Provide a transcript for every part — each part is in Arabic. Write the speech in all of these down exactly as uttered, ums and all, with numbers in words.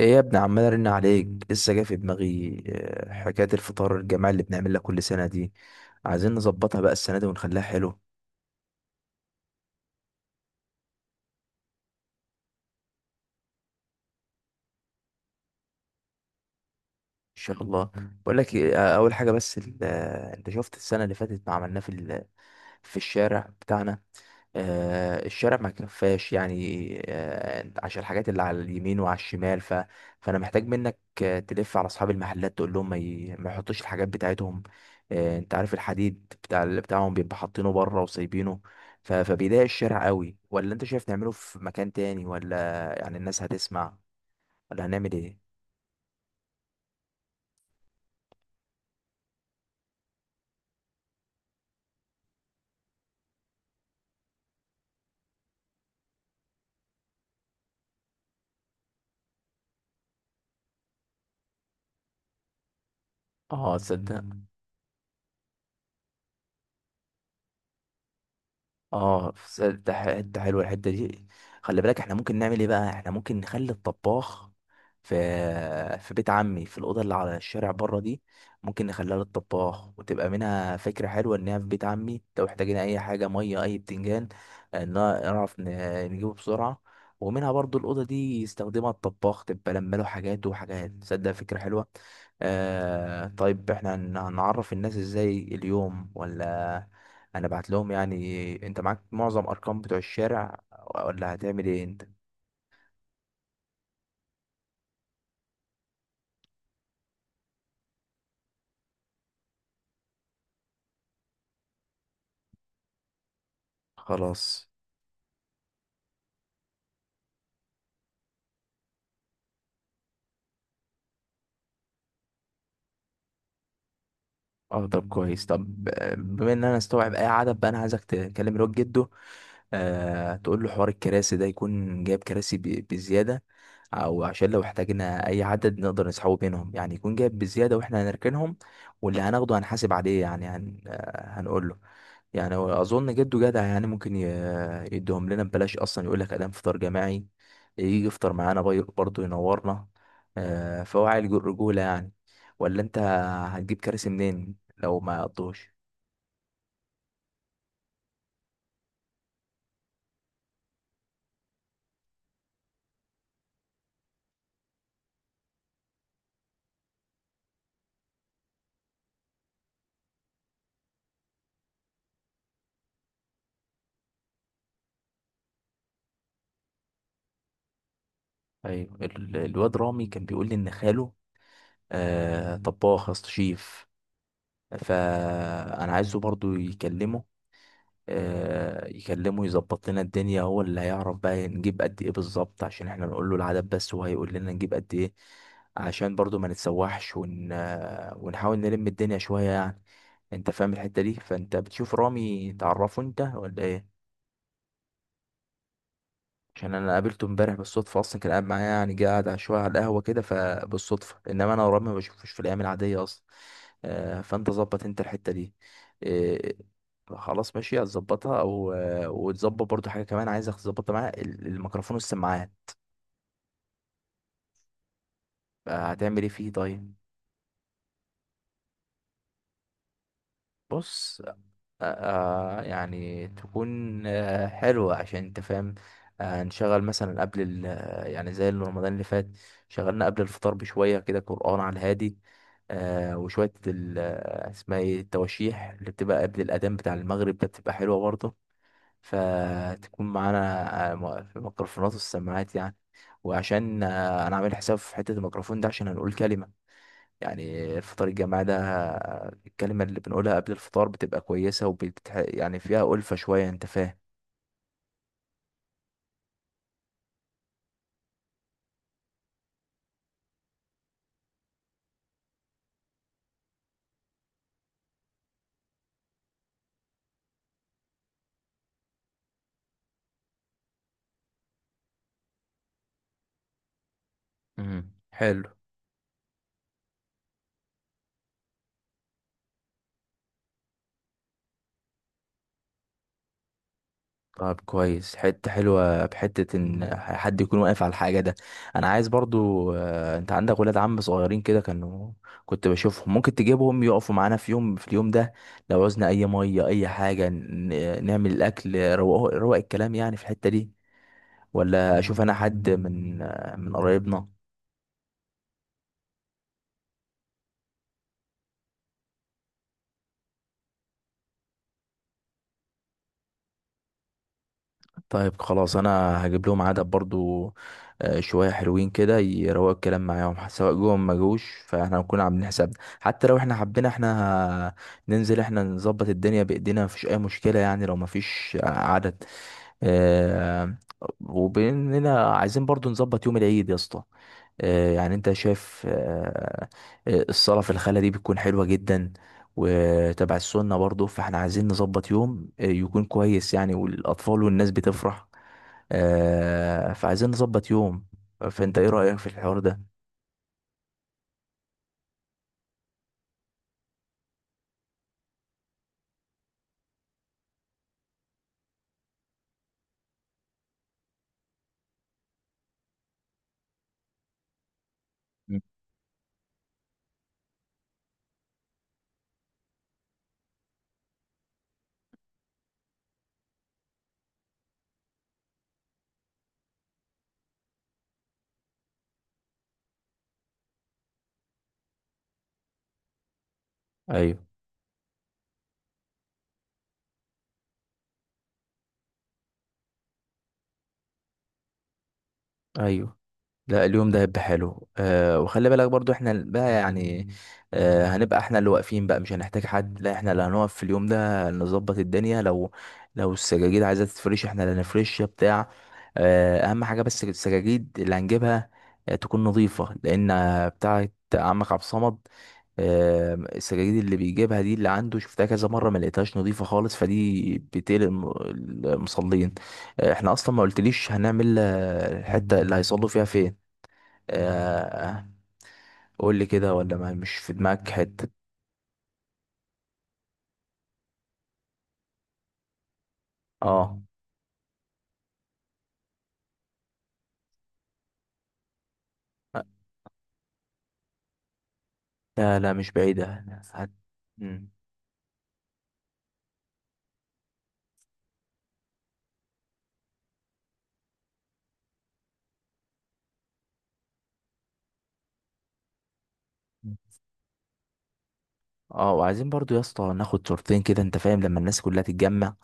ايه يا ابني، عمال ارن عليك، لسه جه في دماغي، آه، حكايه الفطار الجماعي اللي بنعملها كل سنه دي. عايزين نظبطها بقى السنه دي ونخليها حلو ان شاء الله. بقول لك إيه، آه، اول حاجه، بس ال- آه، انت شفت السنه اللي فاتت ما عملناه في في الشارع بتاعنا؟ آه، الشارع ما كفاش يعني، آه، عشان الحاجات اللي على اليمين وعلى الشمال، ف... فانا محتاج منك، آه، تلف على اصحاب المحلات تقول لهم ما, ي... ما يحطوش الحاجات بتاعتهم. آه، انت عارف الحديد بتاع اللي بتاعهم بيبقى حاطينه بره وسايبينه، ف... فبيضايق الشارع قوي. ولا انت شايف نعمله في مكان تاني؟ ولا يعني الناس هتسمع؟ ولا هنعمل ايه؟ اه، تصدق. اه، ف- ده ح- حته حلوه الحته دي. خلي بالك، احنا ممكن نعمل ايه بقى؟ احنا ممكن نخلي الطباخ في في بيت عمي، في الاوضه اللي على الشارع بره دي. ممكن نخليها للطباخ، وتبقى منها فكره حلوه انها في بيت عمي، لو احتاجنا اي حاجه، ميه، اي بتنجان، ان نعرف ن- نجيبه بسرعه. ومنها برضو الاوضه دي يستخدمها الطباخ، تبقى لما له حاجات وحاجات. تصدق، فكره حلوه. آه طيب، احنا هن- هنعرف الناس ازاي اليوم؟ ولا انا بعت لهم؟ يعني انت معاك معظم ارقام بتوع الشارع، ولا هتعمل ايه انت؟ خلاص. اه، طب كويس. طب، آه، بما ان انا استوعب اي عدد بقى، انا عايزك تكلم الواد جده. آه تقول له حوار الكراسي ده، يكون جايب كراسي ب- بزياده، او عشان لو احتاجنا اي عدد نقدر نسحبه بينهم، يعني يكون جايب بزياده واحنا هنركنهم، واللي هناخده هنحاسب عليه. يعني هن آه، هنقول له. يعني هو اظن جده جدع، يعني ممكن ي- يديهم لنا ببلاش اصلا. يقول لك ادام فطار جماعي، يجي يفطر معانا بي- برضه ينورنا. آه، فهو عيل جو- رجولة يعني. ولا انت هتجيب كراسي منين لو ما قضوش؟ ايوه، ال- الواد رامي كان بيقول لي ان خاله آه، طباخ، يا اسطى شيف. فانا عايزه برضه يكلمه، آه، يكلمه يظبط لنا الدنيا. هو اللي هيعرف بقى نجيب قد ايه بالظبط، عشان احنا نقول له العدد بس وهو هيقول لنا نجيب قد ايه، عشان برضو ما نتسوحش، ون... آه، ونحاول نلم الدنيا شوية يعني. انت فاهم الحتة دي؟ فانت بتشوف رامي، تعرفه انت ولا ايه؟ عشان انا قابلته امبارح بالصدفه اصلا، كان قاعد معايا، يعني جه قاعد شويه على القهوه كده فبالصدفه، انما انا ورامي ما بشوفوش في الايام العاديه اصلا. آه، فانت ظبط انت الحته دي. آه، خلاص ماشي، هتظبطها. او آه، وتظبط برضو حاجه كمان، عايزك تظبطها معايا، ال- الميكروفون والسماعات. آه، هتعمل ايه فيه طيب؟ بص، آه آه، يعني تكون آه حلوة، عشان انت فاهم، آه نشغل مثلا قبل ال آه، يعني زي اللي رمضان اللي فات شغلنا قبل الفطار بشوية كده قرآن على الهادي، آه وشوية ال- آه، اسمها ايه، التواشيح اللي بتبقى قبل الأذان بتاع المغرب ده، بتبقى حلوة برضه. فتكون معانا، آه، م- في الميكروفونات والسماعات يعني. وعشان آه، انا عامل حساب في حتة الميكروفون ده، عشان هنقول كلمة، يعني الفطار الجماعي ده، الكلمة اللي بنقولها قبل الفطار بتبقى كويسة، وبتح... يعني فيها ألفة شوية، أنت فاهم. امم حلو. طب كويس، حتة حلوة بحتة إن حد يكون واقف على الحاجة ده. أنا عايز برضو، آه، أنت عندك ولاد عم صغيرين كده، كانوا كنت بشوفهم. ممكن تجيبهم يقفوا معانا في يوم، في اليوم ده، لو عوزنا أي مية، أي حاجة، ن- نعمل الأكل، روق روق الكلام يعني في الحتة دي. ولا أشوف أنا حد من آه، من قرايبنا؟ طيب خلاص، انا هجيب لهم عدد برضو، آه، شويه حلوين كده يروقوا الكلام معاهم، ح- سواء جوهم ما جوش، فاحنا هنكون عاملين حسابنا حتى لو احنا حبينا احنا ه- ننزل احنا نظبط الدنيا بايدينا، مفيش اي مشكله يعني لو مفيش عدد. آه، وباننا عايزين برضو نظبط يوم العيد يا اسطى، آه، يعني انت شايف، آه، آه، الصلاة في الخلا دي بتكون حلوة جدا وتبع السنة برضو، فاحنا عايزين نظبط يوم آه، يكون كويس يعني، والأطفال والناس بتفرح. آه، فعايزين نظبط يوم. فانت ايه رأيك في الحوار ده؟ مم. ايوه. ايوه، لا، اليوم ده هيبقى حلو. أه وخلي بالك برضو، احنا بقى يعني أه هنبقى احنا اللي واقفين بقى، مش هنحتاج حد، لا احنا اللي هنقف في اليوم ده نظبط الدنيا. لو لو السجاجيد عايزة تتفرش احنا اللي هنفرشها بتاع. أه اهم حاجة، بس السجاجيد اللي هنجيبها آه، تكون نظيفة، لان آه، بتاعة عمك عبد الصمد، آه، السجاجيد اللي بيجيبها دي اللي عنده شفتها كذا مرة ما لقيتهاش نظيفة خالص، فدي بتقلق الم- المصلين. آه، احنا اصلا ما قلتليش هنعمل آه، الحتة اللي هيصلوا فيها فين، آه، قول لي كده، ولا ما مش في دماغك حتة؟ اه. لا لا، مش بعيدة. هت... مم. اه، وعايزين برضو يا اسطى ناخد صورتين كده، انت فاهم، لما الناس كلها تتجمع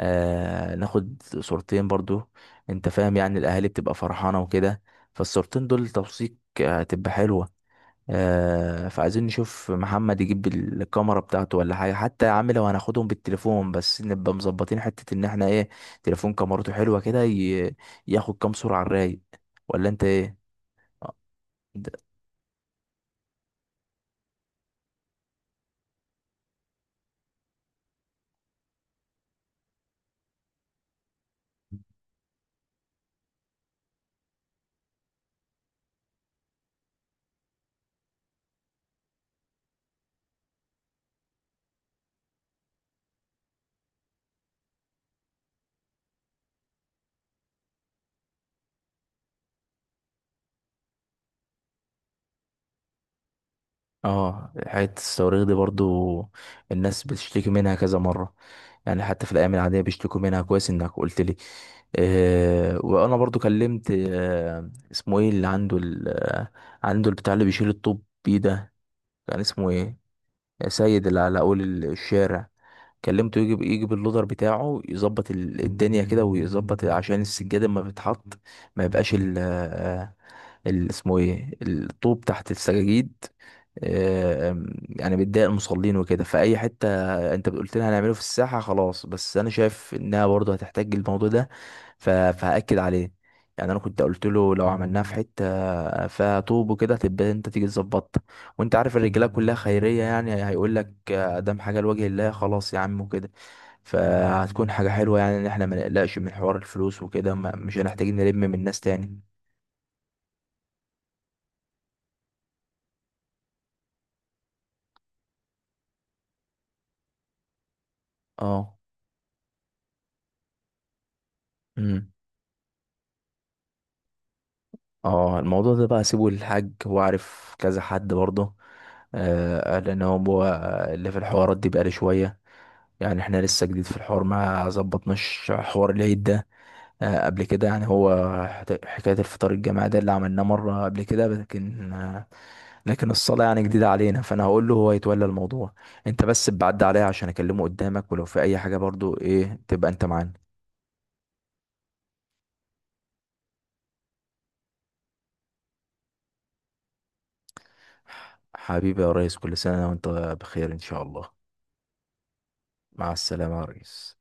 آه ناخد صورتين برضو. انت فاهم يعني الاهالي بتبقى فرحانة وكده، فالصورتين دول توثيق، آه، هتبقى حلوة. آه، فعايزين نشوف محمد يجيب ال- الكاميرا بتاعته، ولا حاجة حتى يا عم لو هناخدهم بالتليفون، بس نبقى مظبطين حتة ان احنا ايه، تليفون كاميرته حلوة كده، ي- ياخد كام صورة على الرايق، ولا انت ايه؟ اه. د- آه، حتة الصواريخ دي برضو الناس بتشتكي منها كذا مرة، يعني حتى في الأيام العادية بيشتكوا منها. كويس انك قلت لي. آه وأنا برضو كلمت، آه اسمه ايه، اللي عنده ال- آه، عنده البتاع اللي بيشيل الطوب بيه ده، كان اسمه ايه، سيد اللي على اول ال- الشارع. كلمته يجي يجي باللودر بتاعه، يظبط ال- الدنيا كده، ويظبط عشان السجاده لما بتتحط ما يبقاش ال- ال- اسمه ايه، الطوب تحت السجاجيد. آم، يعني بتضايق المصلين وكده. فأي حتة انت قلت لنا هنعمله في الساحة خلاص، بس انا شايف انها برضه هتحتاج الموضوع ده، ف- فهأكد عليه. يعني انا كنت قلت له لو عملناها في حتة فيها طوب وكده تبقى انت تيجي تظبطها، وانت عارف الرجاله كلها خيرية، يعني هيقول لك دام حاجة لوجه الله خلاص يا عم وكده. فهتكون حاجة حلوة يعني، ان احنا ما نقلقش من حوار الفلوس وكده، ما- مش هنحتاج نلم من الناس تاني. اه. امم. اه، الموضوع ده بقى سيبه للحاج، هو عارف كذا حد برضه. آه لان هو اللي في الحوارات دي بقاله شويه، يعني احنا لسه جديد في الحوار، ما ظبطناش حوار العيد ده آه قبل كده. يعني هو حت- حكايه الفطار الجماعي ده اللي عملناه مره قبل كده، لكن آه لكن الصلاه يعني جديده علينا، فانا هقول له هو يتولى الموضوع، انت بس بعد عليها عشان اكلمه قدامك، ولو في اي حاجه برضه ايه تبقى انت معانا. حبيبي يا ريس، كل سنه وانت بخير ان شاء الله. مع السلامة يا ريس.